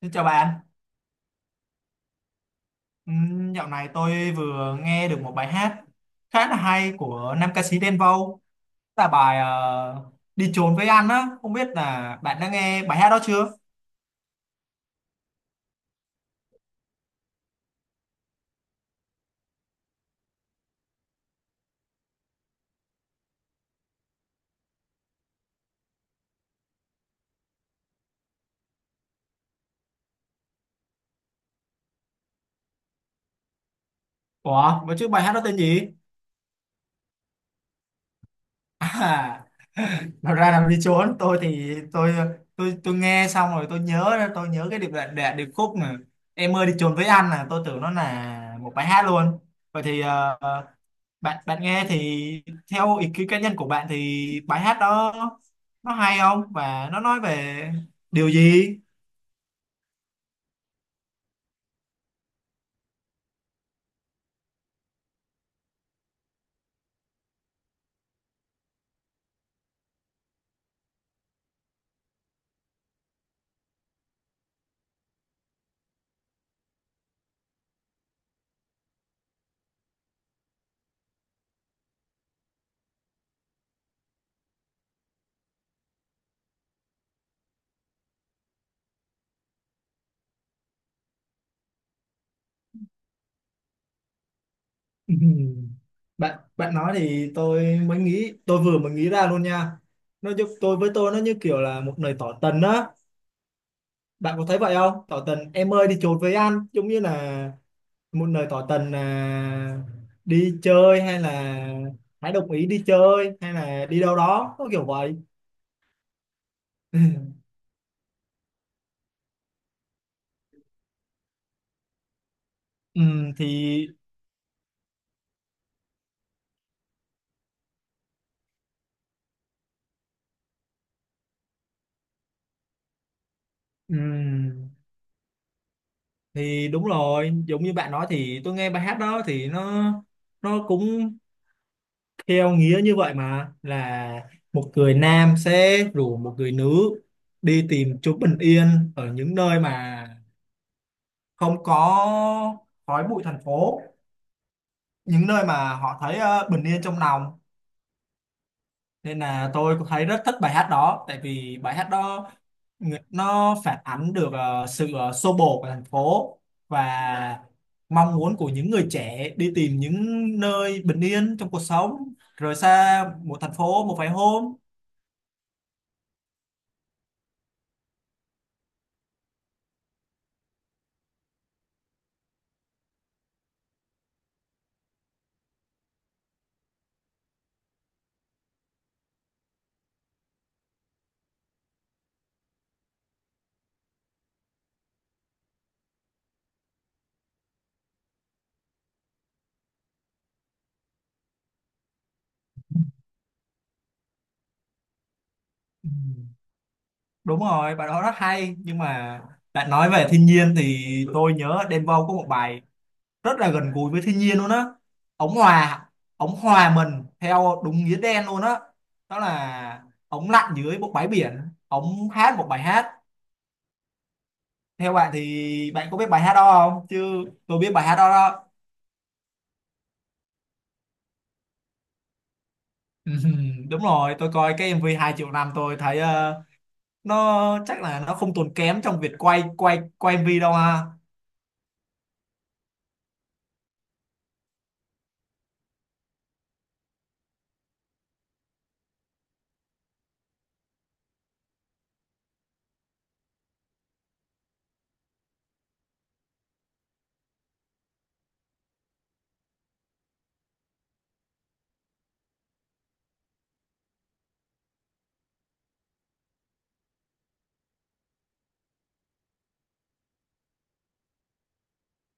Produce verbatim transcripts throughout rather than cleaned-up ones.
Xin chào bạn. Ừm, dạo này tôi vừa nghe được một bài hát khá là hay của nam ca sĩ Đen Vâu, là bài ờ, Đi trốn với anh á, không biết là bạn đã nghe bài hát đó chưa? Ủa, mà chứ bài hát đó tên gì? À, nó ra làm đi trốn. Tôi thì tôi tôi tôi nghe xong rồi, tôi nhớ tôi nhớ cái điệp đoạn đoạn điệp khúc mà em ơi đi trốn với anh, là tôi tưởng nó là một bài hát luôn. Vậy thì ờ, bạn bạn nghe thì theo ý kiến cá nhân của bạn thì bài hát đó nó hay không, và nó nói về điều gì? Ừm, bạn bạn nói thì tôi mới nghĩ tôi vừa mới nghĩ ra luôn nha, nó giúp tôi. Với tôi, nó như kiểu là một lời tỏ tình á, bạn có thấy vậy không? Tỏ tình em ơi đi chột với anh, giống như là một lời tỏ tình, là đi chơi, hay là hãy đồng ý đi chơi, hay là đi đâu đó, có kiểu vậy. Ừm, thì ừm, thì đúng rồi, giống như bạn nói thì tôi nghe bài hát đó thì nó nó cũng theo nghĩa như vậy, mà là một người nam sẽ rủ một người nữ đi tìm chút bình yên ở những nơi mà không có khói bụi thành phố, những nơi mà họ thấy ờ, bình yên trong lòng. Nên là tôi cũng thấy rất thích bài hát đó, tại vì bài hát đó nó phản ánh được ờ, sự ờ, xô bồ của thành phố, và mong muốn của những người trẻ đi tìm những nơi bình yên trong cuộc sống, rời xa một thành phố một vài hôm. Ừ, đúng rồi, bài đó rất hay, nhưng mà bạn nói về thiên nhiên thì tôi nhớ Đen Vâu có một bài rất là gần gũi với thiên nhiên luôn á. ống hòa ống hòa mình theo đúng nghĩa đen luôn á. Đó là ống lặn dưới một bãi biển, ống hát một bài hát. Theo bạn thì bạn có biết bài hát đó không? Chứ tôi biết bài hát đó đó. Đúng rồi, tôi coi cái em vê hai triệu năm, tôi thấy ờ, nó chắc là nó không tốn kém trong việc quay quay quay em vê đâu ha.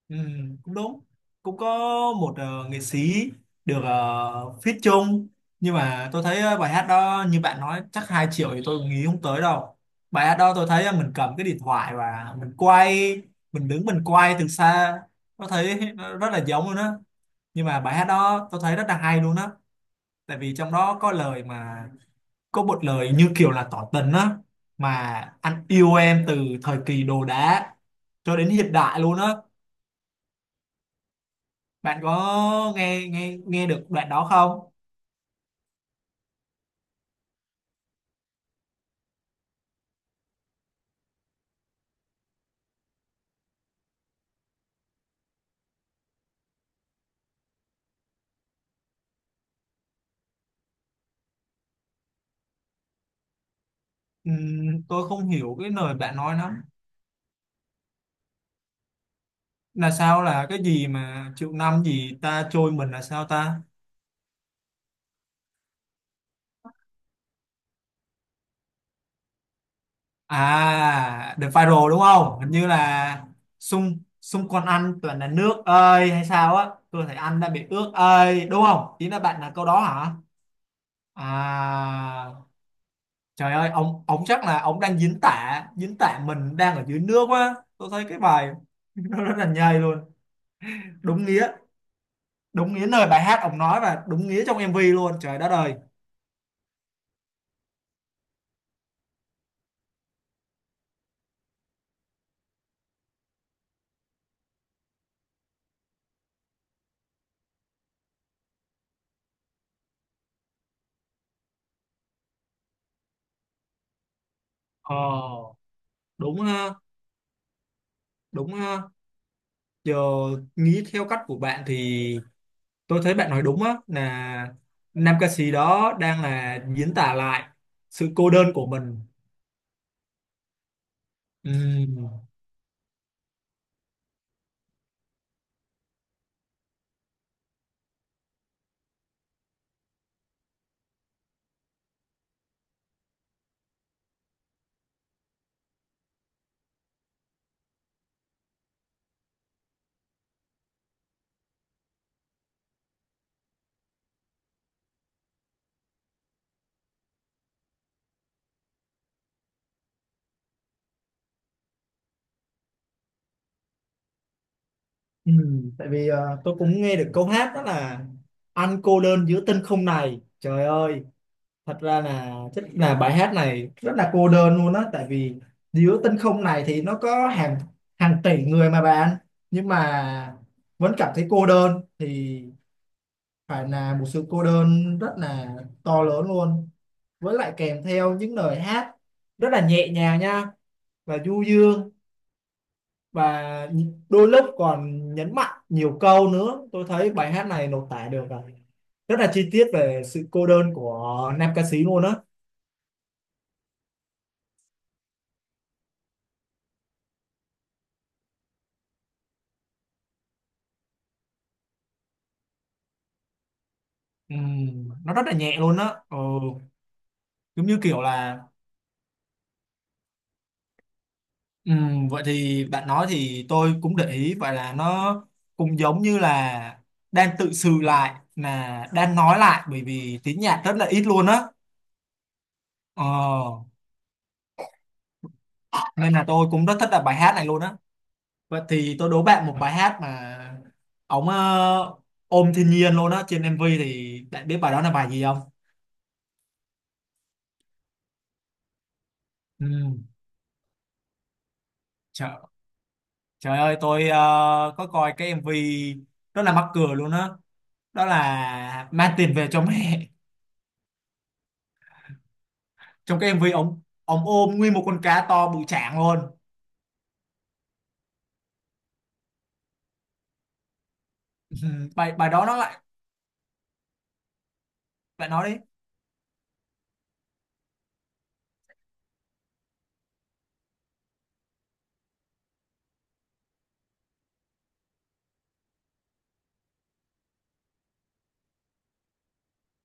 Ừm, cũng đúng. Cũng có một ờ, nghệ sĩ được uh, feat chung, nhưng mà tôi thấy ờ, bài hát đó như bạn nói chắc hai triệu thì tôi nghĩ không tới đâu. Bài hát đó tôi thấy ờ, mình cầm cái điện thoại và mình quay, mình đứng mình quay từ xa, tôi thấy nó rất là giống luôn á. Nhưng mà bài hát đó tôi thấy rất là hay luôn á, tại vì trong đó có lời mà, có một lời như kiểu là tỏ tình á, mà anh yêu em từ thời kỳ đồ đá cho đến hiện đại luôn á, bạn có nghe nghe nghe được đoạn đó không? Ừm, tôi không hiểu cái lời bạn nói lắm, là sao, là cái gì mà triệu năm gì ta trôi mình là sao ta? À, được viral đúng không? Hình như là xung xung quanh anh toàn là nước ơi hay sao á? Tôi thấy anh đã bị ướt ơi, đúng không? Ý là bạn là câu đó hả? À, trời ơi, ông ông chắc là ông đang diễn tả diễn tả mình đang ở dưới nước quá. Tôi thấy cái bài nó rất là nhây luôn. Đúng nghĩa, đúng nghĩa lời bài hát ông nói, và đúng nghĩa trong em vê luôn. Trời đất ơi. Ờ, đúng ha, đúng ha. Giờ nghĩ theo cách của bạn thì tôi thấy bạn nói đúng á, là nam ca sĩ đó đang là diễn tả lại sự cô đơn của mình. Ừm, ừm, tại vì ờ, tôi cũng nghe được câu hát đó là anh cô đơn giữa tinh không này, trời ơi, thật ra là chắc là bài hát này rất là cô đơn luôn á, tại vì giữa tinh không này thì nó có hàng hàng tỷ người mà bạn, nhưng mà vẫn cảm thấy cô đơn thì phải là một sự cô đơn rất là to lớn luôn, với lại kèm theo những lời hát rất là nhẹ nhàng nha, và du dương, và đôi lúc còn nhấn mạnh nhiều câu nữa, tôi thấy bài hát này lột tả được rồi rất là chi tiết về sự cô đơn của nam ca sĩ luôn á. Ừm, nó rất là nhẹ luôn á. Ừ, giống như kiểu là. Ừ, vậy thì bạn nói thì tôi cũng để ý vậy, là nó cũng giống như là đang tự sự lại, là đang nói lại bởi vì tiếng nhạc rất là ít luôn á. Ờ, nên là tôi cũng rất thích là bài hát này luôn á. Vậy thì tôi đố bạn một bài hát mà ống ờ, ôm thiên nhiên luôn á trên em vê, thì bạn biết bài đó là bài gì không? Ừ, trời, trời ơi, tôi ờ, có coi cái em vê rất là mắc cười luôn á đó. Đó là mang tiền về cho mẹ, trong cái em MV ông ông ôm nguyên một con cá to bự chảng luôn. Ừ, bài bài đó nó lại lại nói đấy.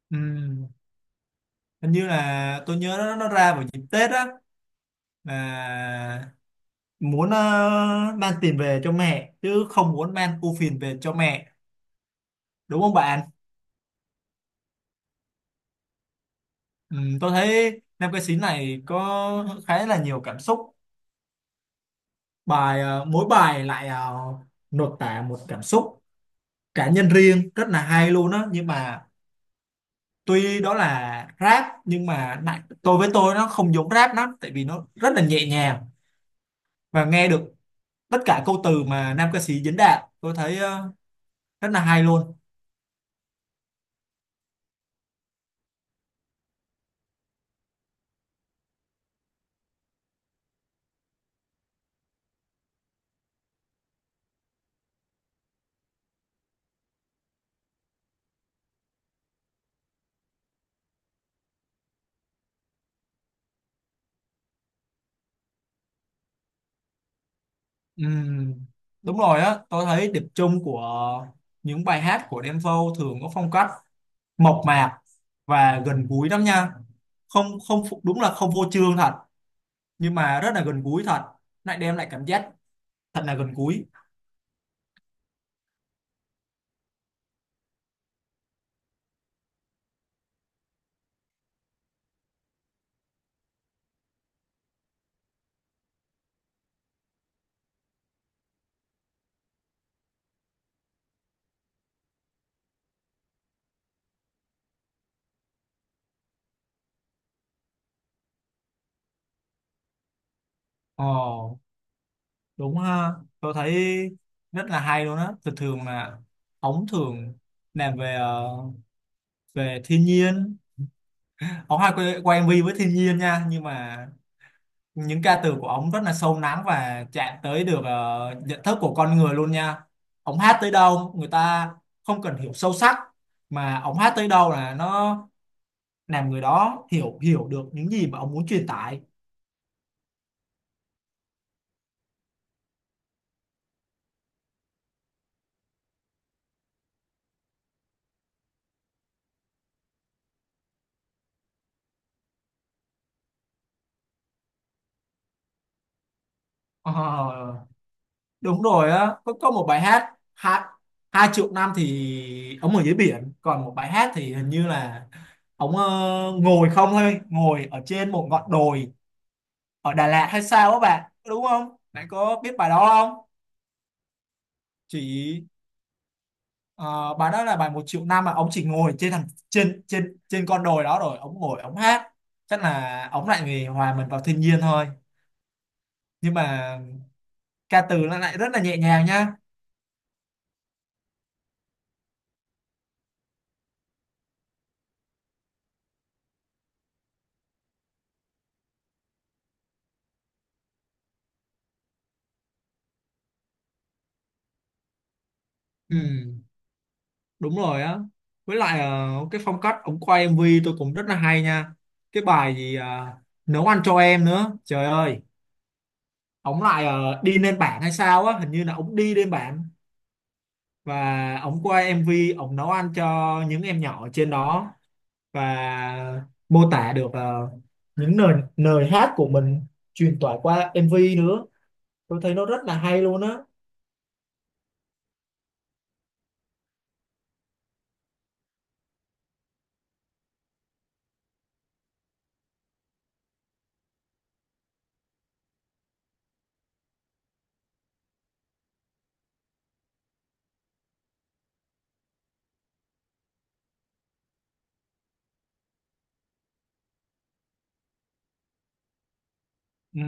Ừ, hình như là tôi nhớ nó, nó ra vào dịp Tết á, là muốn ờ, mang tiền về cho mẹ chứ không muốn mang ưu phiền về cho mẹ, đúng không bạn? Ừ, tôi thấy nam ca sĩ này có khá là nhiều cảm xúc, bài ờ, mỗi bài lại ờ, nội tả một cảm xúc cá nhân riêng rất là hay luôn á, nhưng mà tuy đó là rap nhưng mà đại- tôi với tôi nó không giống rap lắm, tại vì nó rất là nhẹ nhàng và nghe được tất cả câu từ mà nam ca sĩ diễn đạt, tôi thấy ờ, rất là hay luôn. Ừm, đúng rồi á, tôi thấy điểm chung của những bài hát của Đen Vâu thường có phong cách mộc mạc và gần gũi lắm nha, không không phụ- đúng là không phô trương thật, nhưng mà rất là gần gũi thật, lại đem lại cảm giác thật là gần gũi. Ồ, đúng ha, tôi thấy rất là hay luôn á, thường thường là ống thường làm về ờ, về thiên nhiên, ống hay quay, quay em vê với thiên nhiên nha, nhưng mà những ca từ của ống rất là sâu lắng và chạm tới được ờ, nhận thức của con người luôn nha. Ống hát tới đâu người ta không cần hiểu sâu sắc, mà ống hát tới đâu là nó làm người đó hiểu hiểu được những gì mà ông muốn truyền tải. Ờ, đúng rồi á, có có một bài hát hai hai triệu năm thì ông ở dưới biển, còn một bài hát thì hình như là ông ờ, ngồi không thôi, ngồi ở trên một ngọn đồi ở Đà Lạt hay sao á bạn, đúng không, bạn có biết bài đó không? Chỉ ờ, bài đó là bài một triệu năm mà ông chỉ ngồi trên thằng trên trên trên con đồi đó, rồi ông ngồi ông hát, chắc là ông lại người hòa mình vào thiên nhiên thôi, nhưng mà ca từ nó lại rất là nhẹ nhàng nha. Ừ, đúng rồi á, với lại ờ, cái phong cách ống quay em vê tôi cũng rất là hay nha. Cái bài gì ờ, nấu ăn cho em nữa, trời ơi, ống lại ờ, đi lên bảng hay sao á, hình như là ống đi lên bảng và ống quay em vê, ống nấu ăn cho những em nhỏ ở trên đó, và mô tả được ờ, những lời lời hát của mình truyền tải qua em vê nữa, tôi thấy nó rất là hay luôn á. Ừ,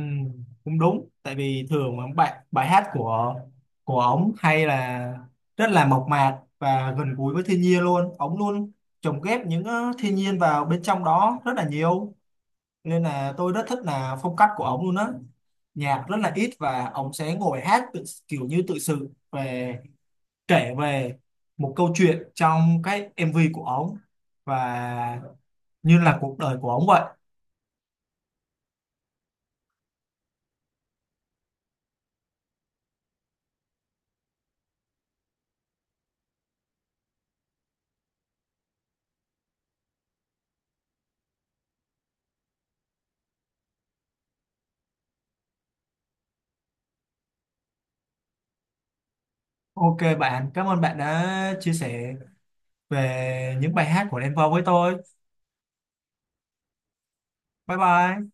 cũng đúng, tại vì thường mà bài bài hát của của ống hay là rất là mộc mạc và gần gũi với thiên nhiên luôn, ống luôn lồng ghép những ờ, thiên nhiên vào bên trong đó rất là nhiều, nên là tôi rất thích là phong cách của ống luôn á, nhạc rất là ít và ống sẽ ngồi hát tự, kiểu như tự sự về kể về một câu chuyện trong cái em vê của ống, và như là cuộc đời của ống vậy. OK bạn, cảm ơn bạn đã chia sẻ về những bài hát của Đen Vâu với tôi. Bye bye.